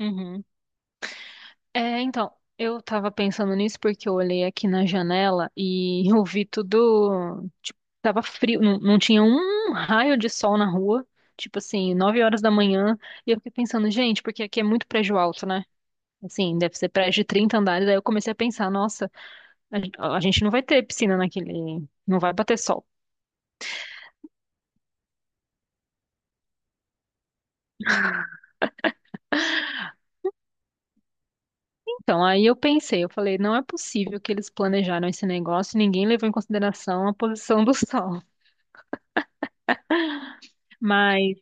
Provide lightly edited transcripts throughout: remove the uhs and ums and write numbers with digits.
Uhum. É, então, eu tava pensando nisso porque eu olhei aqui na janela e eu vi tudo, tipo, tava frio, não, não tinha um raio de sol na rua, tipo assim, 9 horas da manhã, e eu fiquei pensando, gente, porque aqui é muito prédio alto, né? Assim, deve ser prédio de 30 andares. Aí eu comecei a pensar, nossa, a gente não vai ter piscina naquele. Não vai bater sol. Então, aí eu pensei, eu falei, não é possível que eles planejaram esse negócio e ninguém levou em consideração a posição do sol. Mas.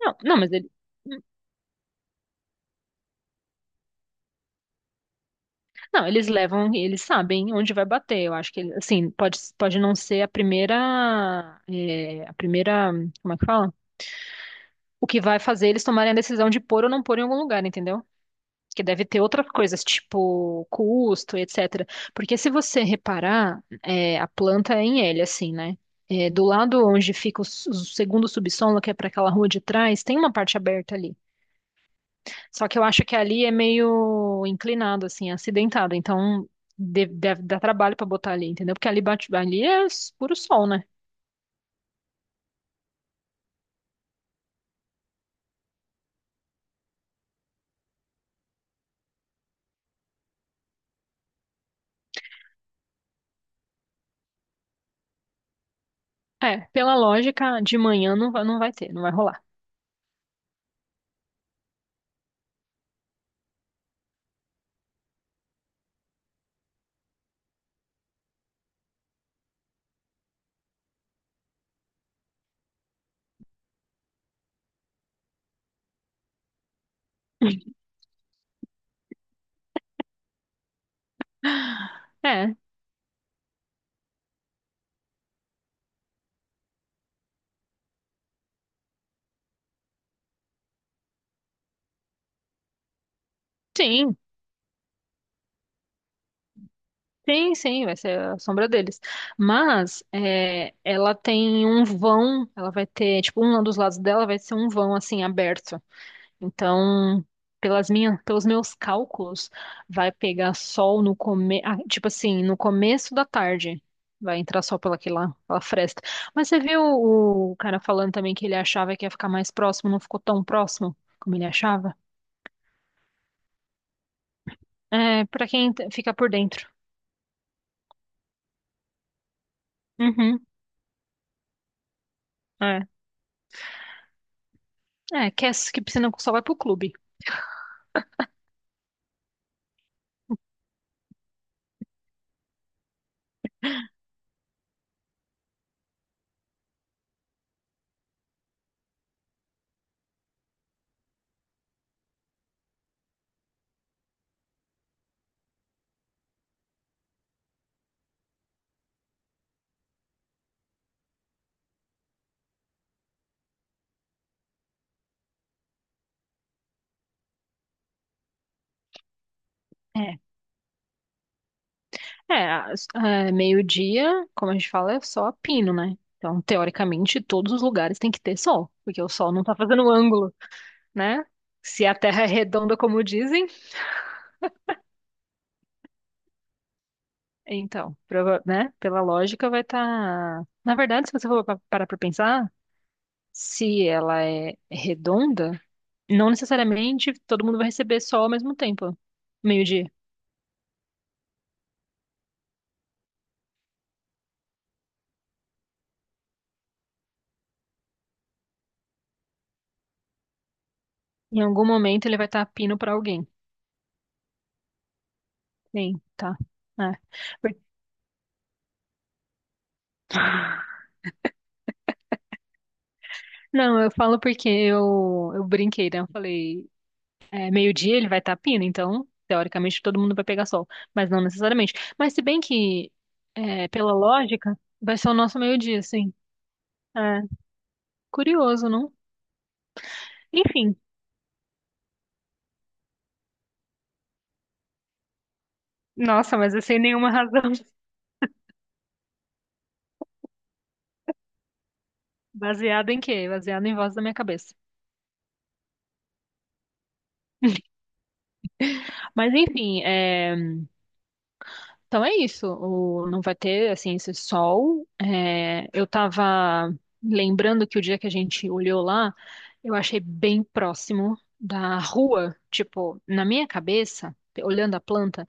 Não, não, mas eles não, eles levam, eles sabem onde vai bater. Eu acho que, assim, pode não ser a primeira. É, a primeira. Como é que fala? O que vai fazer eles tomarem a decisão de pôr ou não pôr em algum lugar, entendeu? Que deve ter outras coisas, tipo custo, etc. Porque se você reparar, é, a planta é em L, assim, né? É, do lado onde fica o segundo subsolo, que é para aquela rua de trás, tem uma parte aberta ali. Só que eu acho que ali é meio inclinado, assim, acidentado. Então deve dar trabalho para botar ali, entendeu? Porque ali bate, ali é puro sol, né? É, pela lógica, de manhã não vai ter, não vai rolar. É, sim. Sim, sim, vai ser a sombra deles. Mas é, ela tem um vão, ela vai ter, tipo, um dos lados dela vai ser um vão assim aberto. Então, pelos meus cálculos, vai pegar sol no come, ah, tipo assim, no começo da tarde. Vai entrar sol pela fresta. Mas você viu o cara falando também que ele achava que ia ficar mais próximo, não ficou tão próximo como ele achava? É, para fica por dentro. Uhum, é. É, quer que piscina com sol vai pro clube. É, É, meio-dia, como a gente fala, é só a pino, né? Então, teoricamente, todos os lugares têm que ter sol, porque o sol não tá fazendo um ângulo, né? Se a Terra é redonda, como dizem, então, né? Pela lógica, vai estar. Na verdade, se você for parar pra pensar, se ela é redonda, não necessariamente todo mundo vai receber sol ao mesmo tempo, meio-dia. Em algum momento, ele vai estar pino pra alguém. Sim, tá. É. Por- Não, eu falo porque eu brinquei, né? Eu falei, é, meio-dia ele vai estar pindo, então, teoricamente, todo mundo vai pegar sol. Mas não necessariamente. Mas se bem que, é, pela lógica, vai ser o nosso meio-dia, sim. É, curioso, não? Enfim. Nossa, mas eu sem nenhuma razão. Baseado em quê? Baseado em voz da minha cabeça. Mas enfim, é. Então é isso, não vai ter assim esse sol. É, eu tava lembrando que o dia que a gente olhou lá, eu achei bem próximo da rua, tipo, na minha cabeça, olhando a planta,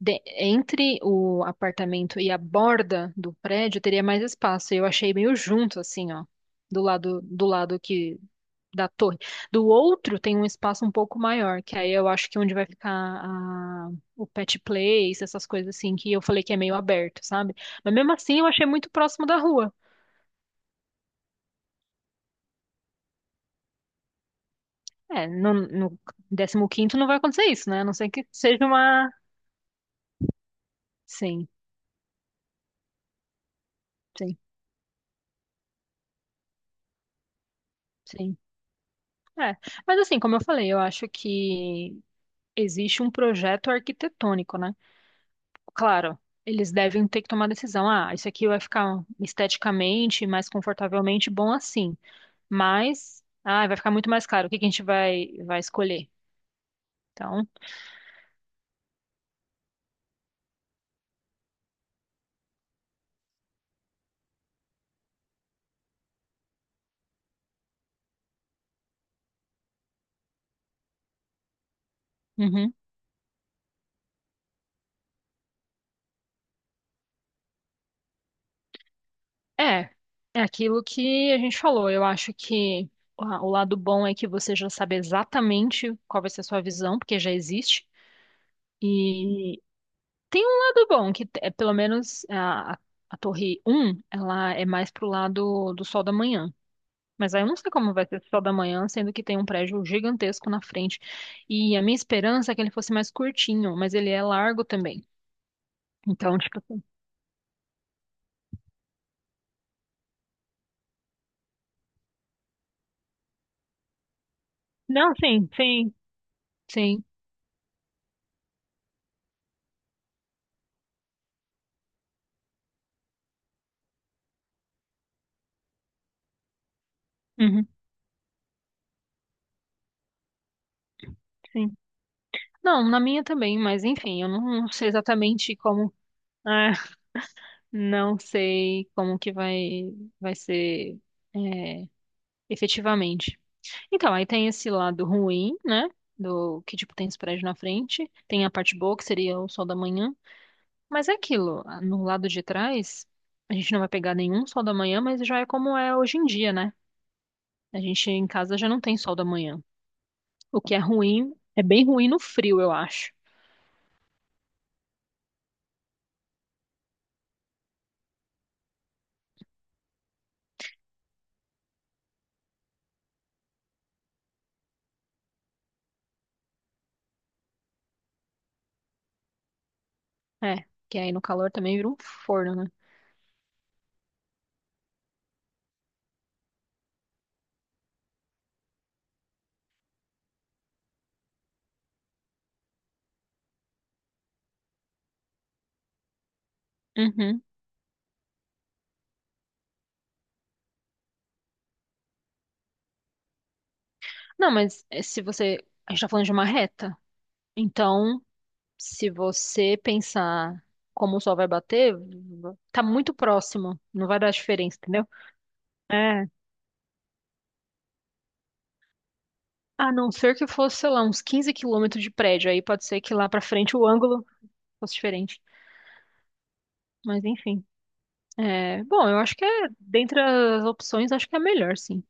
entre o apartamento e a borda do prédio teria mais espaço. E eu achei meio junto assim, ó, do lado que da torre. Do outro tem um espaço um pouco maior, que aí eu acho que é onde vai ficar o pet place, essas coisas assim, que eu falei que é meio aberto, sabe? Mas mesmo assim eu achei muito próximo da rua. É, no 15º não vai acontecer isso, né? A não ser que seja uma... Sim, sim, sim. É, mas assim, como eu falei, eu acho que existe um projeto arquitetônico, né? Claro, eles devem ter que tomar decisão. Ah, isso aqui vai ficar esteticamente mais confortavelmente bom assim. Mas, ah, vai ficar muito mais caro. O que que a gente vai escolher? Então, uhum. É, é aquilo que a gente falou. Eu acho que o lado bom é que você já sabe exatamente qual vai ser a sua visão, porque já existe. E tem um lado bom, que é pelo menos a Torre um, ela é mais pro lado do sol da manhã. Mas aí eu não sei como vai ser o sol da manhã, sendo que tem um prédio gigantesco na frente. E a minha esperança é que ele fosse mais curtinho, mas ele é largo também. Então, tipo, assim, não, sim, sim, sim. Uhum, sim. Não, na minha também, mas enfim, eu não sei exatamente como. Ah, não sei como que vai ser, é, efetivamente. Então, aí tem esse lado ruim, né? Do que, tipo, tem esse prédio na frente. Tem a parte boa, que seria o sol da manhã. Mas é aquilo, ah, no lado de trás, a gente não vai pegar nenhum sol da manhã, mas já é como é hoje em dia, né? A gente em casa já não tem sol da manhã. O que é ruim, é bem ruim no frio, eu acho. É, que aí no calor também vira um forno, né? Uhum. Não, mas eh, se você. A gente tá falando de uma reta. Então, se você pensar como o sol vai bater, tá muito próximo. Não vai dar diferença, entendeu? É. A não ser que fosse, sei lá, uns 15 quilômetros de prédio. Aí pode ser que lá pra frente o ângulo fosse diferente. Mas enfim. É, bom, eu acho que é, dentre as opções, acho que é a melhor, sim.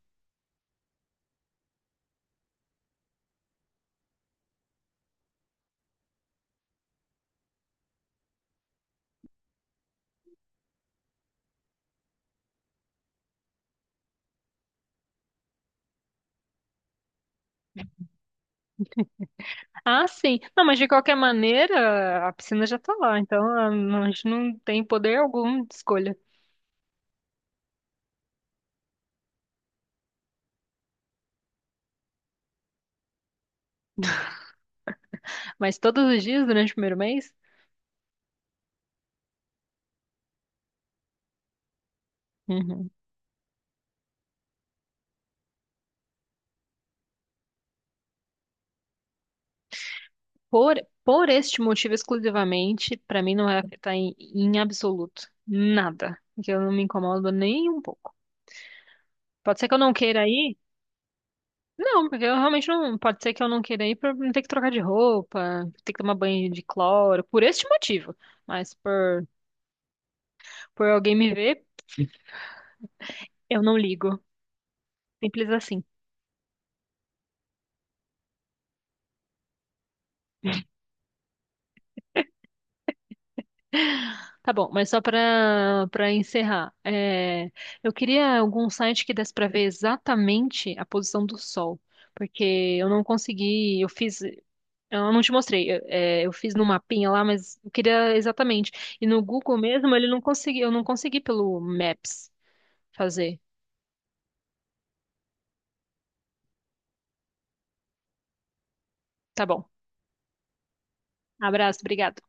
Ah, sim. Não, mas de qualquer maneira, a piscina já tá lá, então a gente não tem poder algum de escolha. Mas todos os dias durante o primeiro mês? Uhum. Por, por este motivo exclusivamente, pra mim não vai afetar em absoluto nada. Porque eu não me incomodo nem um pouco. Pode ser que eu não queira ir? Não, porque eu realmente não. Pode ser que eu não queira ir pra não ter que trocar de roupa, ter que tomar banho de cloro, por este motivo. Mas por, por alguém me ver, eu não ligo. Simples assim. Tá bom, mas só para encerrar, é, eu queria algum site que desse para ver exatamente a posição do Sol, porque eu fiz, eu não te mostrei, é, eu fiz no mapinha lá, mas eu queria exatamente. E no Google mesmo, ele não consegui, eu não consegui pelo Maps fazer. Tá bom. Abraço, obrigada.